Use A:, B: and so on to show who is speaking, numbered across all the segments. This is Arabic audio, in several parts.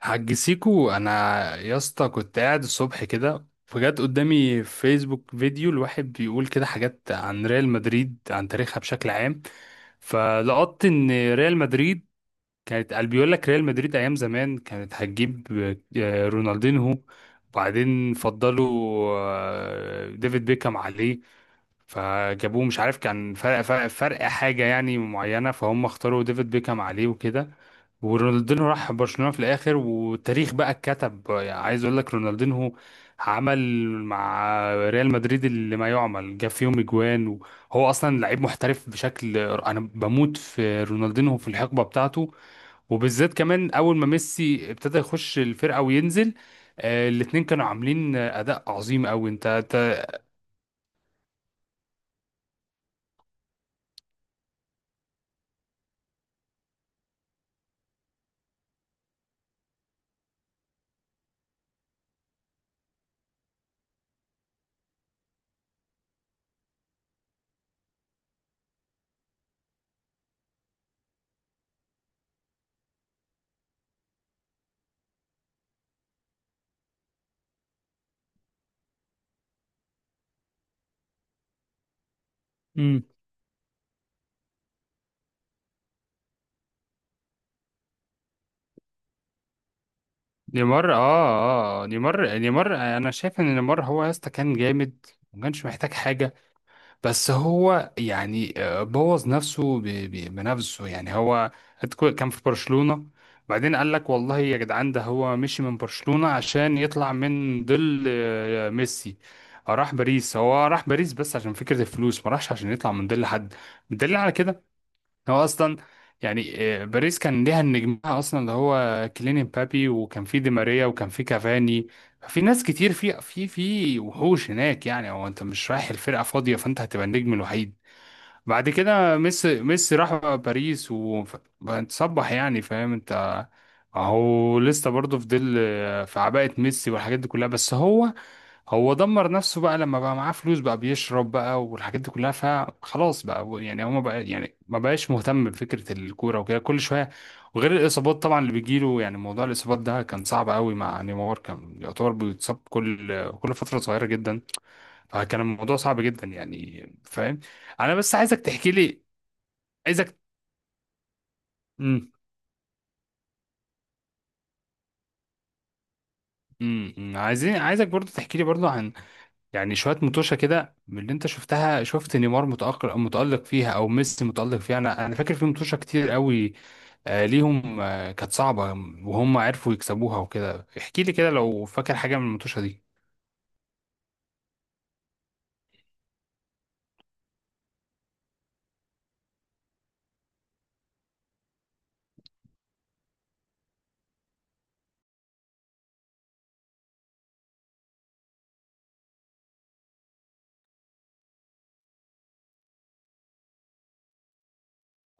A: حاج سيكو انا، يا اسطى كنت قاعد الصبح كده، فجأة قدامي في فيسبوك فيديو الواحد بيقول كده حاجات عن ريال مدريد، عن تاريخها بشكل عام. فلقطت ان ريال مدريد كانت، قال بيقول لك ريال مدريد ايام زمان كانت هتجيب رونالدينهو، وبعدين فضلوا ديفيد بيكهام عليه. فجابوه مش عارف كان فرق حاجة يعني معينة، فهم اختاروا ديفيد بيكهام عليه وكده. ورونالدينو راح برشلونة في الآخر، والتاريخ بقى اتكتب. يعني عايز أقول لك رونالدينو عمل مع ريال مدريد اللي ما يعمل، جاب فيهم اجوان. وهو أصلا لعيب محترف بشكل، أنا بموت في رونالدينو في الحقبة بتاعته، وبالذات كمان أول ما ميسي ابتدى يخش الفرقة وينزل. الاتنين كانوا عاملين أداء عظيم أوي. أنت أنت، نيمار، انا شايف ان نيمار هو يا اسطى كان جامد، ما كانش محتاج حاجه. بس هو يعني بوظ نفسه بنفسه. يعني هو كان في برشلونه، بعدين قال لك والله يا جدعان، ده هو مشي من برشلونه عشان يطلع من ظل ميسي. راح باريس، هو راح باريس بس عشان فكره الفلوس، ما راحش عشان يطلع من ظل حد. بدليل على كده، هو اصلا يعني باريس كان ليها النجمها اصلا اللي هو كيليان امبابي، وكان في دي ماريا، وكان في كافاني. في ناس كتير، في وحوش هناك. يعني هو انت مش رايح الفرقه فاضيه، فانت هتبقى النجم الوحيد. بعد كده ميسي، راح بقى باريس وتصبح يعني، فاهم انت. اهو لسه برضه في ظل في عباءة ميسي والحاجات دي كلها. بس هو دمر نفسه بقى لما بقى معاه فلوس، بقى بيشرب بقى والحاجات دي كلها. فخلاص بقى يعني، هو ما بقى يعني ما بقاش مهتم بفكرة الكورة وكده كل شوية. وغير الإصابات طبعا اللي بيجيله، يعني موضوع الإصابات ده كان صعب قوي مع نيمار. كان يعتبر بيتصاب كل فترة صغيرة جدا. فكان الموضوع صعب جدا يعني، فاهم. أنا بس عايزك تحكي لي، عايزك، امم عايزك برضو تحكي لي برضو، يعني شويه متوشه كده من اللي انت شفتها. شفت نيمار متالق متالق فيها او ميسي متالق فيها، انا فاكر في متوشه كتير قوي. آه ليهم، كانت صعبه وهم عرفوا يكسبوها وكده. احكي لي كده لو فاكر حاجه من المتوشه دي.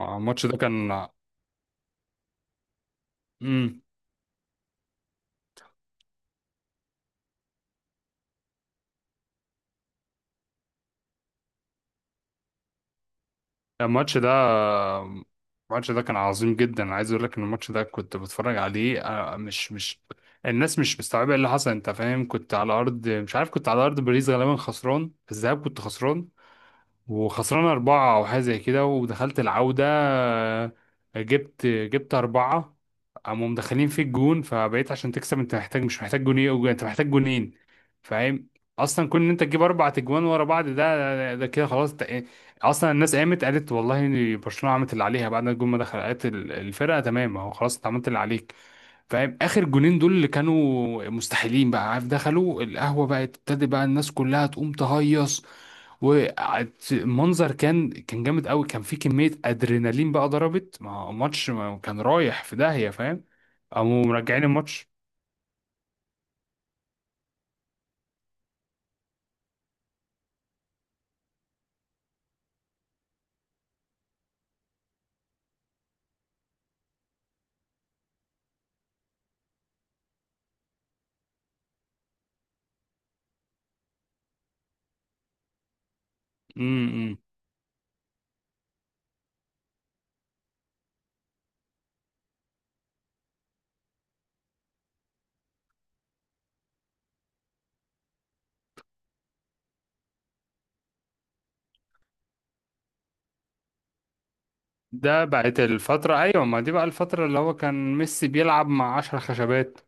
A: آه، الماتش ده كان امم الماتش ده الماتش ده كان عظيم جدا. أنا عايز اقول لك ان الماتش ده كنت بتفرج عليه مش. الناس مش مستوعبه إيه اللي حصل، انت فاهم. كنت على ارض مش عارف، كنت على ارض باريس غالبا، خسران في الذهاب. كنت خسران وخسران أربعة أو حاجة زي كده، ودخلت العودة. جبت أربعة، قاموا مدخلين في الجون فبقيت عشان تكسب. أنت محتاج، مش محتاج جونين، أنت محتاج جونين فاهم. أصلا كون إن أنت تجيب 4 أجوان ورا بعض، ده كده، خلاص أنت-. أصلا الناس قامت قالت والله إن برشلونة عملت اللي عليها، بعد ما الجون ما دخل قالت الفرقة تمام أهو، خلاص أنت عملت اللي عليك، فاهم. اخر جونين دول اللي كانوا مستحيلين بقى، عارف، دخلوا القهوه بقى، ابتدى بقى الناس كلها تقوم تهيص. والمنظر كان جامد قوي، كان في كميه ادرينالين بقى ضربت. ما هو ماتش ما كان رايح في داهيه، فاهم. قاموا مرجعين الماتش. امم ده بقت الفتره، ايوه. ما دي بقى الفتره اللي هو كان ميسي بيلعب مع 10 خشبات،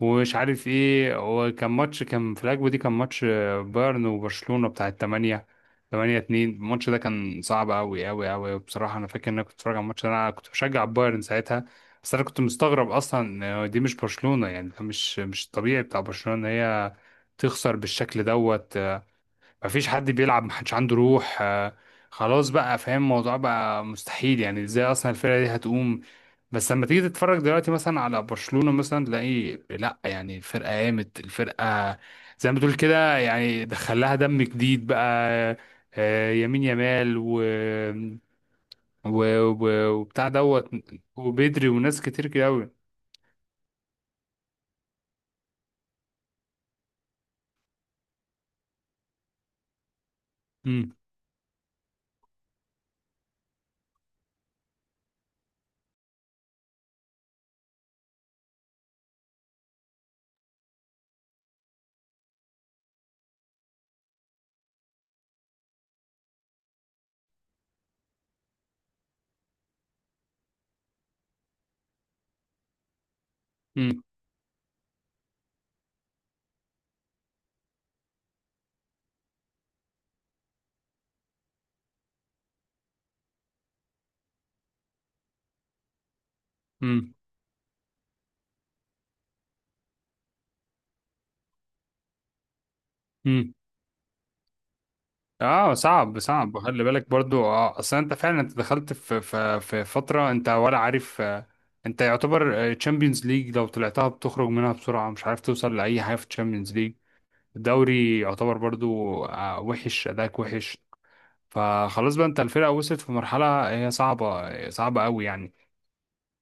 A: ومش عارف ايه. هو كان ماتش كان في الأجوبة دي، كان ماتش بايرن وبرشلونة بتاع التمانية، 8-2. الماتش ده كان صعب أوي أوي أوي بصراحة. أنا فاكر إن أنا كنت بتفرج على الماتش ده، أنا كنت بشجع بايرن ساعتها، بس أنا كنت مستغرب أصلا إن دي مش برشلونة. يعني ده مش الطبيعي بتاع برشلونة إن هي تخسر بالشكل دوت. مفيش حد بيلعب، محدش عنده روح. خلاص بقى فاهم، الموضوع بقى مستحيل. يعني ازاي اصلا الفرقة دي هتقوم؟ بس لما تيجي تتفرج دلوقتي مثلا على برشلونة مثلا، تلاقي لا يعني الفرقة قامت. الفرقة زي ما تقول كده، يعني دخلها دم جديد بقى، يمين يمال وبتاع دوت، وبدري وناس كتير كده قوي. امم امم امم اه، صعب صعب، وخلي بالك برضو. اه اصلا انت فعلا دخلت في فتره، انت ولا عارف انت يعتبر تشامبيونز ليج لو طلعتها بتخرج منها بسرعه، مش عارف توصل لاي حاجه في تشامبيونز ليج. الدوري يعتبر برضو وحش، اداك وحش. فخلاص بقى انت، الفرقه وصلت في مرحله هي صعبه صعبه قوي يعني.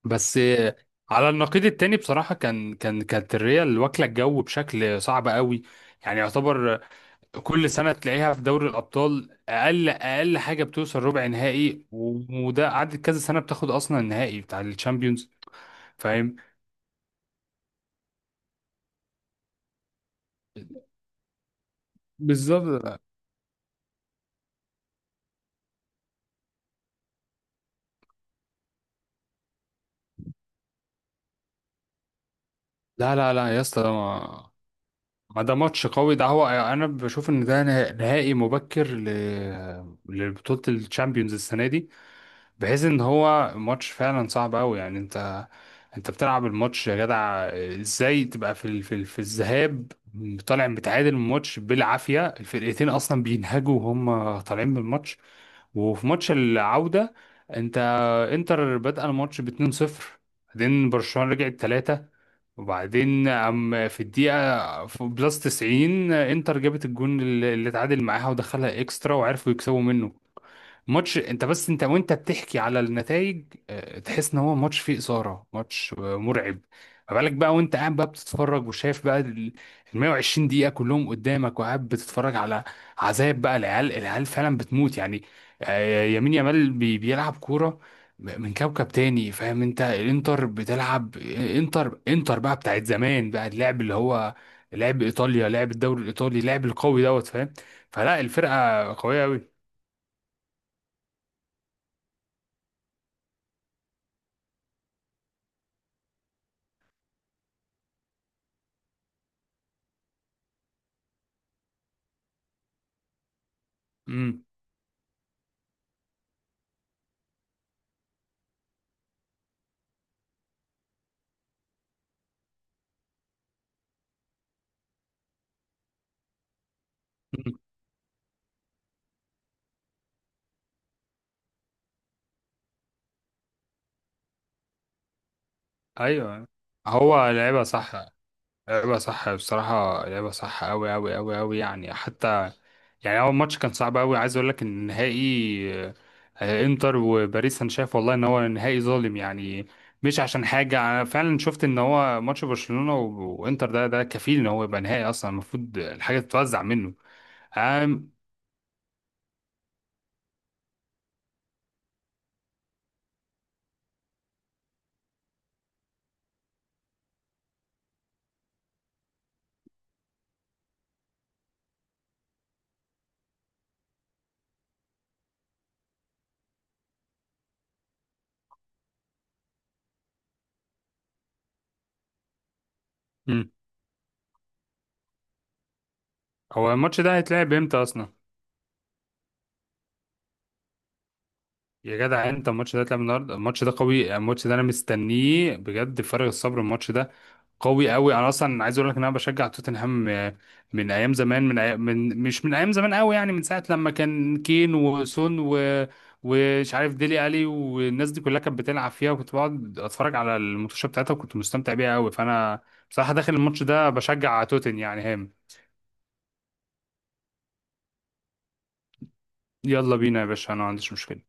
A: بس على النقيض التاني بصراحه، كانت الريال واكله الجو بشكل صعب قوي. يعني يعتبر كل سنة تلاقيها في دوري الأبطال، أقل أقل حاجة بتوصل ربع نهائي، وده قعدت كذا سنة بتاخد أصلا النهائي بتاع الشامبيونز، فاهم. بالظبط. لا لا لا يا اسطى، ده ما ما ده ماتش قوي ده. هو أنا بشوف إن ده نهائي مبكر لبطولة الشامبيونز السنة دي، بحيث ان هو ماتش فعلا صعب قوي يعني. انت بتلعب الماتش يا جدع. ازاي تبقى في في الذهاب طالع متعادل؟ الماتش بالعافيه، الفرقتين اصلا بينهجوا وهم طالعين من الماتش. وفي ماتش العوده، انت انتر بدأ الماتش ب 2-0، بعدين برشلونه رجعت 3. وبعدين، في الدقيقة في بلس 90، انتر جابت الجون اللي اتعادل معاها، ودخلها اكسترا وعرفوا يكسبوا منه. ماتش، انت، وانت بتحكي على النتائج تحس ان هو ماتش فيه اثاره، ماتش مرعب. ما بالك بقى وانت قاعد بقى بتتفرج، وشايف بقى ال 120 دقيقه كلهم قدامك، وقاعد بتتفرج على عذاب بقى. العيال العيال فعلا بتموت يعني. يمين يامال بيلعب كوره من كوكب تاني، فاهم انت. الانتر بتلعب، انتر بقى بتاعت زمان بقى، اللعب اللي هو لعب ايطاليا، لعب الدوري الايطالي، لعب القوي دوت فاهم. فلا الفرقه قويه قوي. ايوه هو لعبها صح، لعبها صح بصراحه، لعبها صح قوي قوي قوي قوي يعني حتى. يعني اول ماتش كان صعب قوي. عايز اقول لك ان النهائي انتر وباريس، انا شايف والله ان هو نهائي ظالم يعني. مش عشان حاجه، انا فعلا شفت ان هو ماتش برشلونه وانتر ده ده كفيل ان هو يبقى نهائي اصلا. المفروض الحاجه تتوزع منه. أم... مم. هو الماتش ده هيتلعب امتى اصلا؟ يا جدع، انت الماتش ده اتلعب النهارده. الماتش ده قوي، الماتش ده انا مستنيه بجد، فارغ الصبر الماتش ده قوي قوي. انا اصلا عايز اقول لك ان انا بشجع توتنهام من ايام زمان. من, أي... من مش من ايام زمان قوي يعني، من ساعه لما كان كين وسون ومش عارف ديلي الي والناس دي كلها كانت بتلعب فيها، وكنت بقعد اتفرج على الماتشات بتاعتها وكنت مستمتع بيها قوي. فانا بصراحه داخل الماتش ده بشجع توتن يعني هام. يلا بينا يا باشا، انا ما عنديش مشكله.